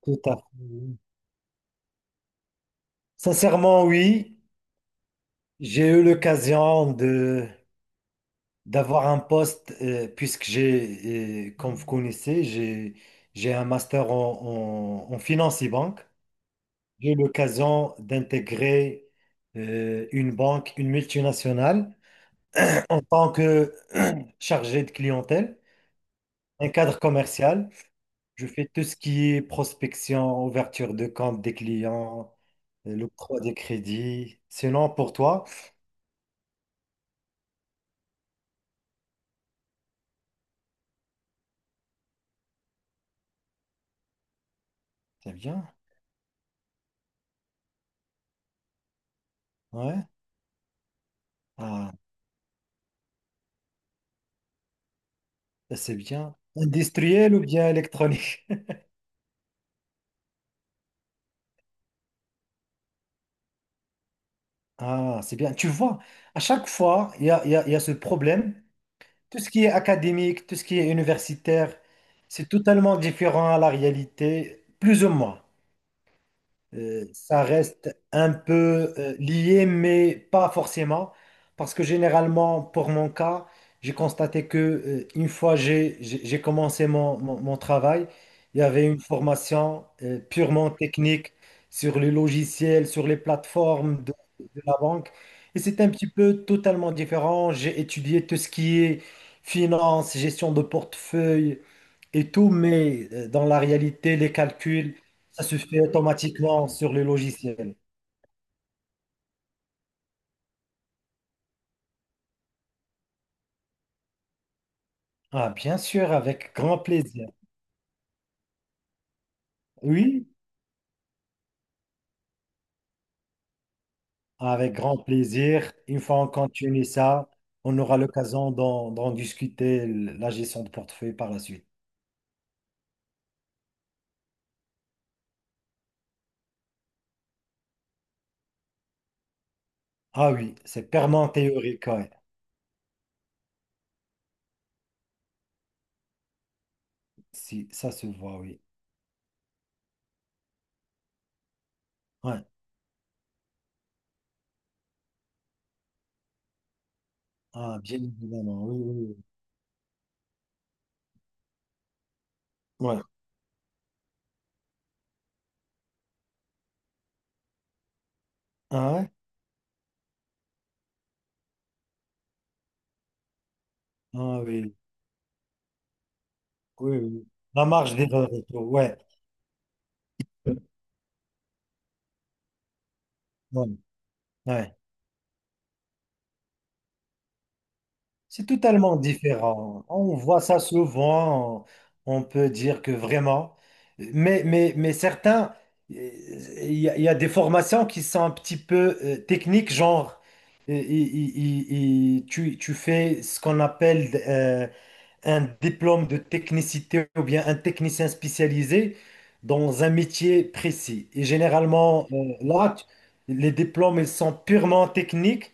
Tout à fait, oui. Sincèrement, oui, j'ai eu l'occasion de d'avoir un poste, puisque j'ai, comme vous connaissez, j'ai un master en, en finance et banque. J'ai eu l'occasion d'intégrer, une banque, une multinationale, en tant que chargé de clientèle, un cadre commercial. Je fais tout ce qui est prospection, ouverture de compte des clients, l'octroi des crédits. Sinon, pour toi, c'est bien. Ouais. Ah, c'est bien. Industriel ou bien électronique? Ah, c'est bien. Tu vois, à chaque fois, il y a ce problème. Tout ce qui est académique, tout ce qui est universitaire, c'est totalement différent à la réalité, plus ou moins. Ça reste un peu lié, mais pas forcément, parce que généralement, pour mon cas, j'ai constaté que une fois j'ai commencé mon travail, il y avait une formation purement technique sur les logiciels, sur les plateformes de la banque, et c'est un petit peu totalement différent. J'ai étudié tout ce qui est finance, gestion de portefeuille et tout, mais dans la réalité, les calculs. Ça se fait automatiquement sur le logiciel. Ah, bien sûr, avec grand plaisir. Oui, avec grand plaisir. Une fois on continue ça, on aura l'occasion d'en discuter la gestion de portefeuille par la suite. Ah oui, c'est purement théorique, ouais. Si, ça se voit, oui. Ouais. Ah, bien évidemment. Oui, oui, oui. Ouais. Ah, ouais. Ah oui. Oui, oui. La marge d'erreur et tout. Ouais. Ouais. Ouais. C'est totalement différent. On voit ça souvent. On peut dire que vraiment. Mais certains, euh, il y a, il y a des formations qui sont un petit peu techniques, genre, euh, il- il- tu, tu fais ce qu'on appelle, un diplôme de technicité ou bien un technicien spécialisé dans un métier précis. Et généralement, là, les diplômes, ils sont purement techniques,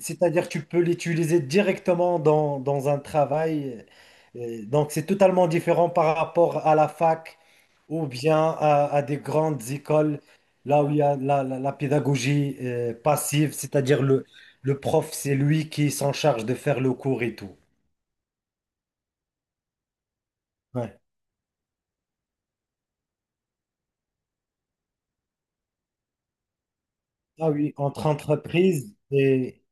c'est-à-dire tu peux l'utiliser directement dans, dans un travail. Donc, c'est totalement différent par rapport à la fac ou bien à des grandes écoles, là où il y a la, la pédagogie passive, c'est-à-dire le prof, c'est lui qui s'en charge de faire le cours et tout. Ouais. Ah oui, entre entreprises et...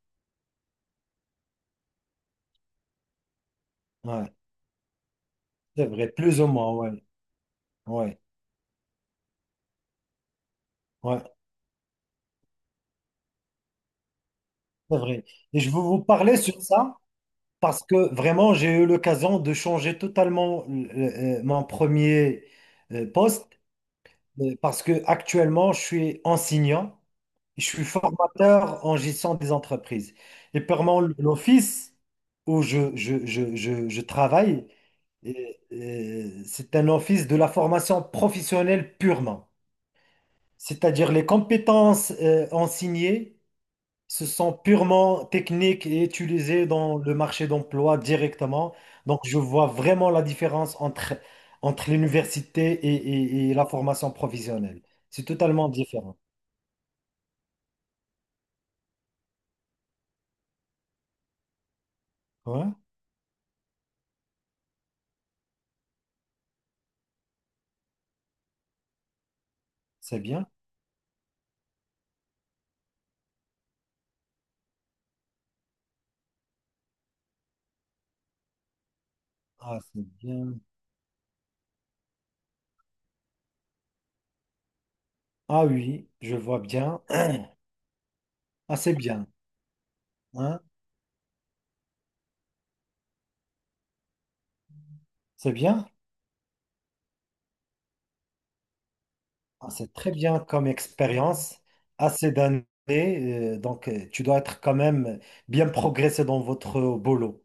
Ouais, c'est vrai, plus ou moins, ouais. Ouais, ouais, c'est vrai. Et je veux vous parler sur ça parce que vraiment, j'ai eu l'occasion de changer totalement, mon premier, poste, parce que actuellement, je suis enseignant, je suis formateur en gestion des entreprises. Et purement l'office où je travaille, euh, c'est un office de la formation professionnelle purement. C'est-à-dire les compétences enseignées, ce sont purement techniques et utilisées dans le marché d'emploi directement. Donc, je vois vraiment la différence entre, entre l'université et, et la formation professionnelle. C'est totalement différent. Ouais, c'est bien. Ah, c'est bien. Ah oui, je vois bien. Ah, c'est bien. Hein? C'est bien. Ah, c'est très bien comme expérience. Assez d'années. Donc, tu dois être quand même bien progressé dans votre boulot.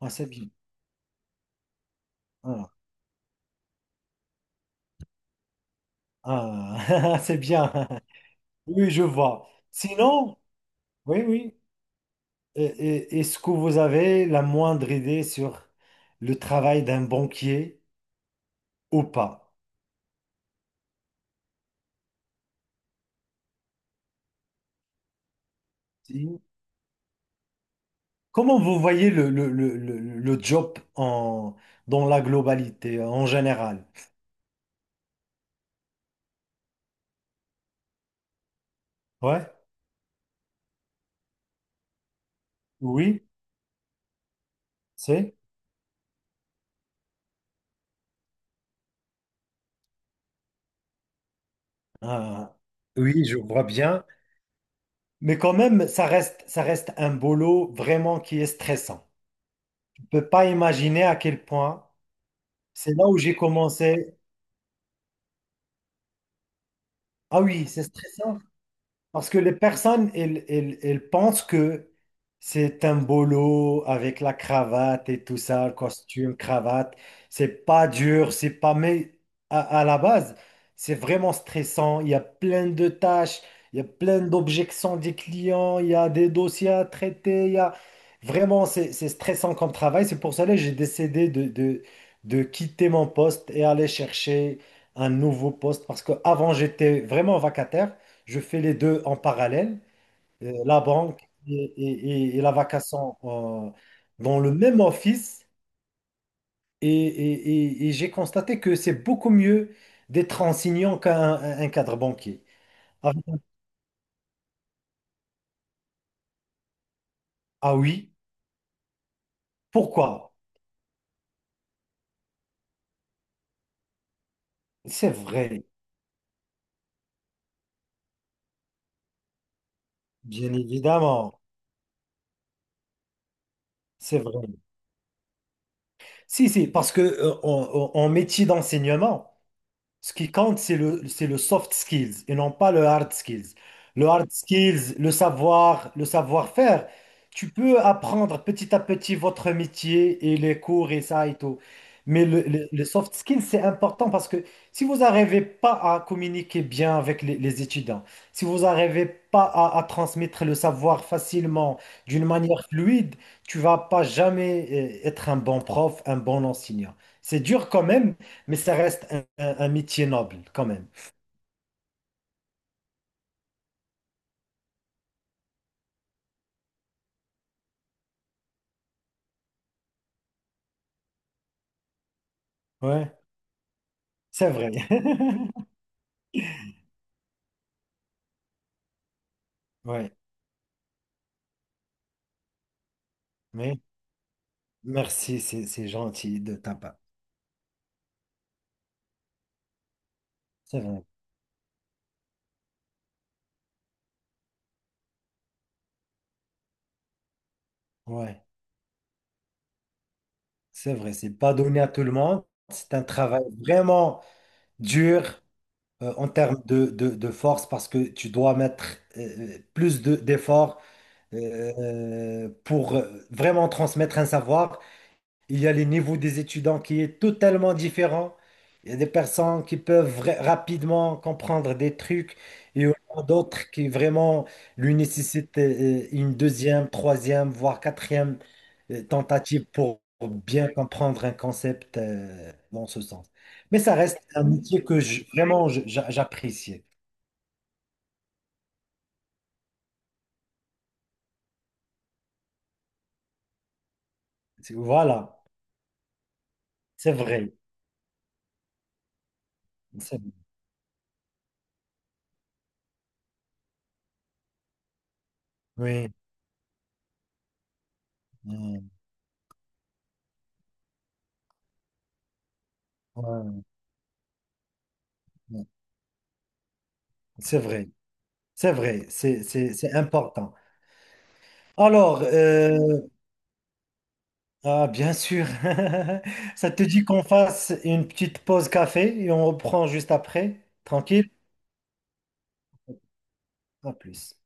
Ah, c'est bien. Ah, ah, c'est bien. Oui, je vois. Sinon, oui, oui. Est-ce que vous avez la moindre idée sur le travail d'un banquier ou pas? Si. Comment vous voyez le, le job en, dans la globalité, en général? Ouais, oui, c'est. Ah, oui, je vois bien. Mais quand même, ça reste un boulot vraiment qui est stressant. On ne peut pas imaginer à quel point. C'est là où j'ai commencé. Ah oui, c'est stressant. Parce que les personnes, elles, elles pensent que c'est un boulot avec la cravate et tout ça, le costume, cravate. C'est pas dur, c'est pas... Mais à la base, c'est vraiment stressant. Il y a plein de tâches, il y a plein d'objections des clients, il y a des dossiers à traiter, il y a... Vraiment, c'est stressant comme travail. C'est pour cela que j'ai décidé de quitter mon poste et aller chercher un nouveau poste parce qu'avant, j'étais vraiment vacataire. Je fais les deux en parallèle, la banque et, et la vacation, dans le même office. Et, et j'ai constaté que c'est beaucoup mieux d'être enseignant un cadre banquier. Ah, ah oui, pourquoi? C'est vrai, bien évidemment, c'est vrai. Si, si, parce que en en métier d'enseignement, ce qui compte, c'est le soft skills et non pas le hard skills. Le hard skills, le savoir, le savoir-faire, tu peux apprendre petit à petit votre métier et les cours et ça et tout. Mais le, le soft skills, c'est important parce que si vous n'arrivez pas à communiquer bien avec les étudiants, si vous n'arrivez pas à, à transmettre le savoir facilement, d'une manière fluide, tu vas pas jamais être un bon prof, un bon enseignant. C'est dur quand même, mais ça reste un, un métier noble quand même. Ouais, c'est vrai. Ouais, mais merci, c'est gentil de ta part. C'est vrai. Ouais, c'est vrai. C'est pas donné à tout le monde. C'est un travail vraiment dur en termes de force parce que tu dois mettre, plus de, d'efforts, pour vraiment transmettre un savoir. Il y a les niveaux des étudiants qui est totalement différent. Il y a des personnes qui peuvent rapidement comprendre des trucs et il y en a d'autres qui vraiment lui nécessitent une deuxième, troisième, voire quatrième, tentative pour bien comprendre un concept dans ce sens. Mais ça reste un métier que vraiment j'apprécie. C'est- Voilà, c'est vrai. C'est- Oui, euh, ouais, ouais, c'est vrai. C'est vrai, c'est important. Alors, ah, bien sûr, ça te dit qu'on fasse une petite pause café et on reprend juste après. Tranquille? À plus.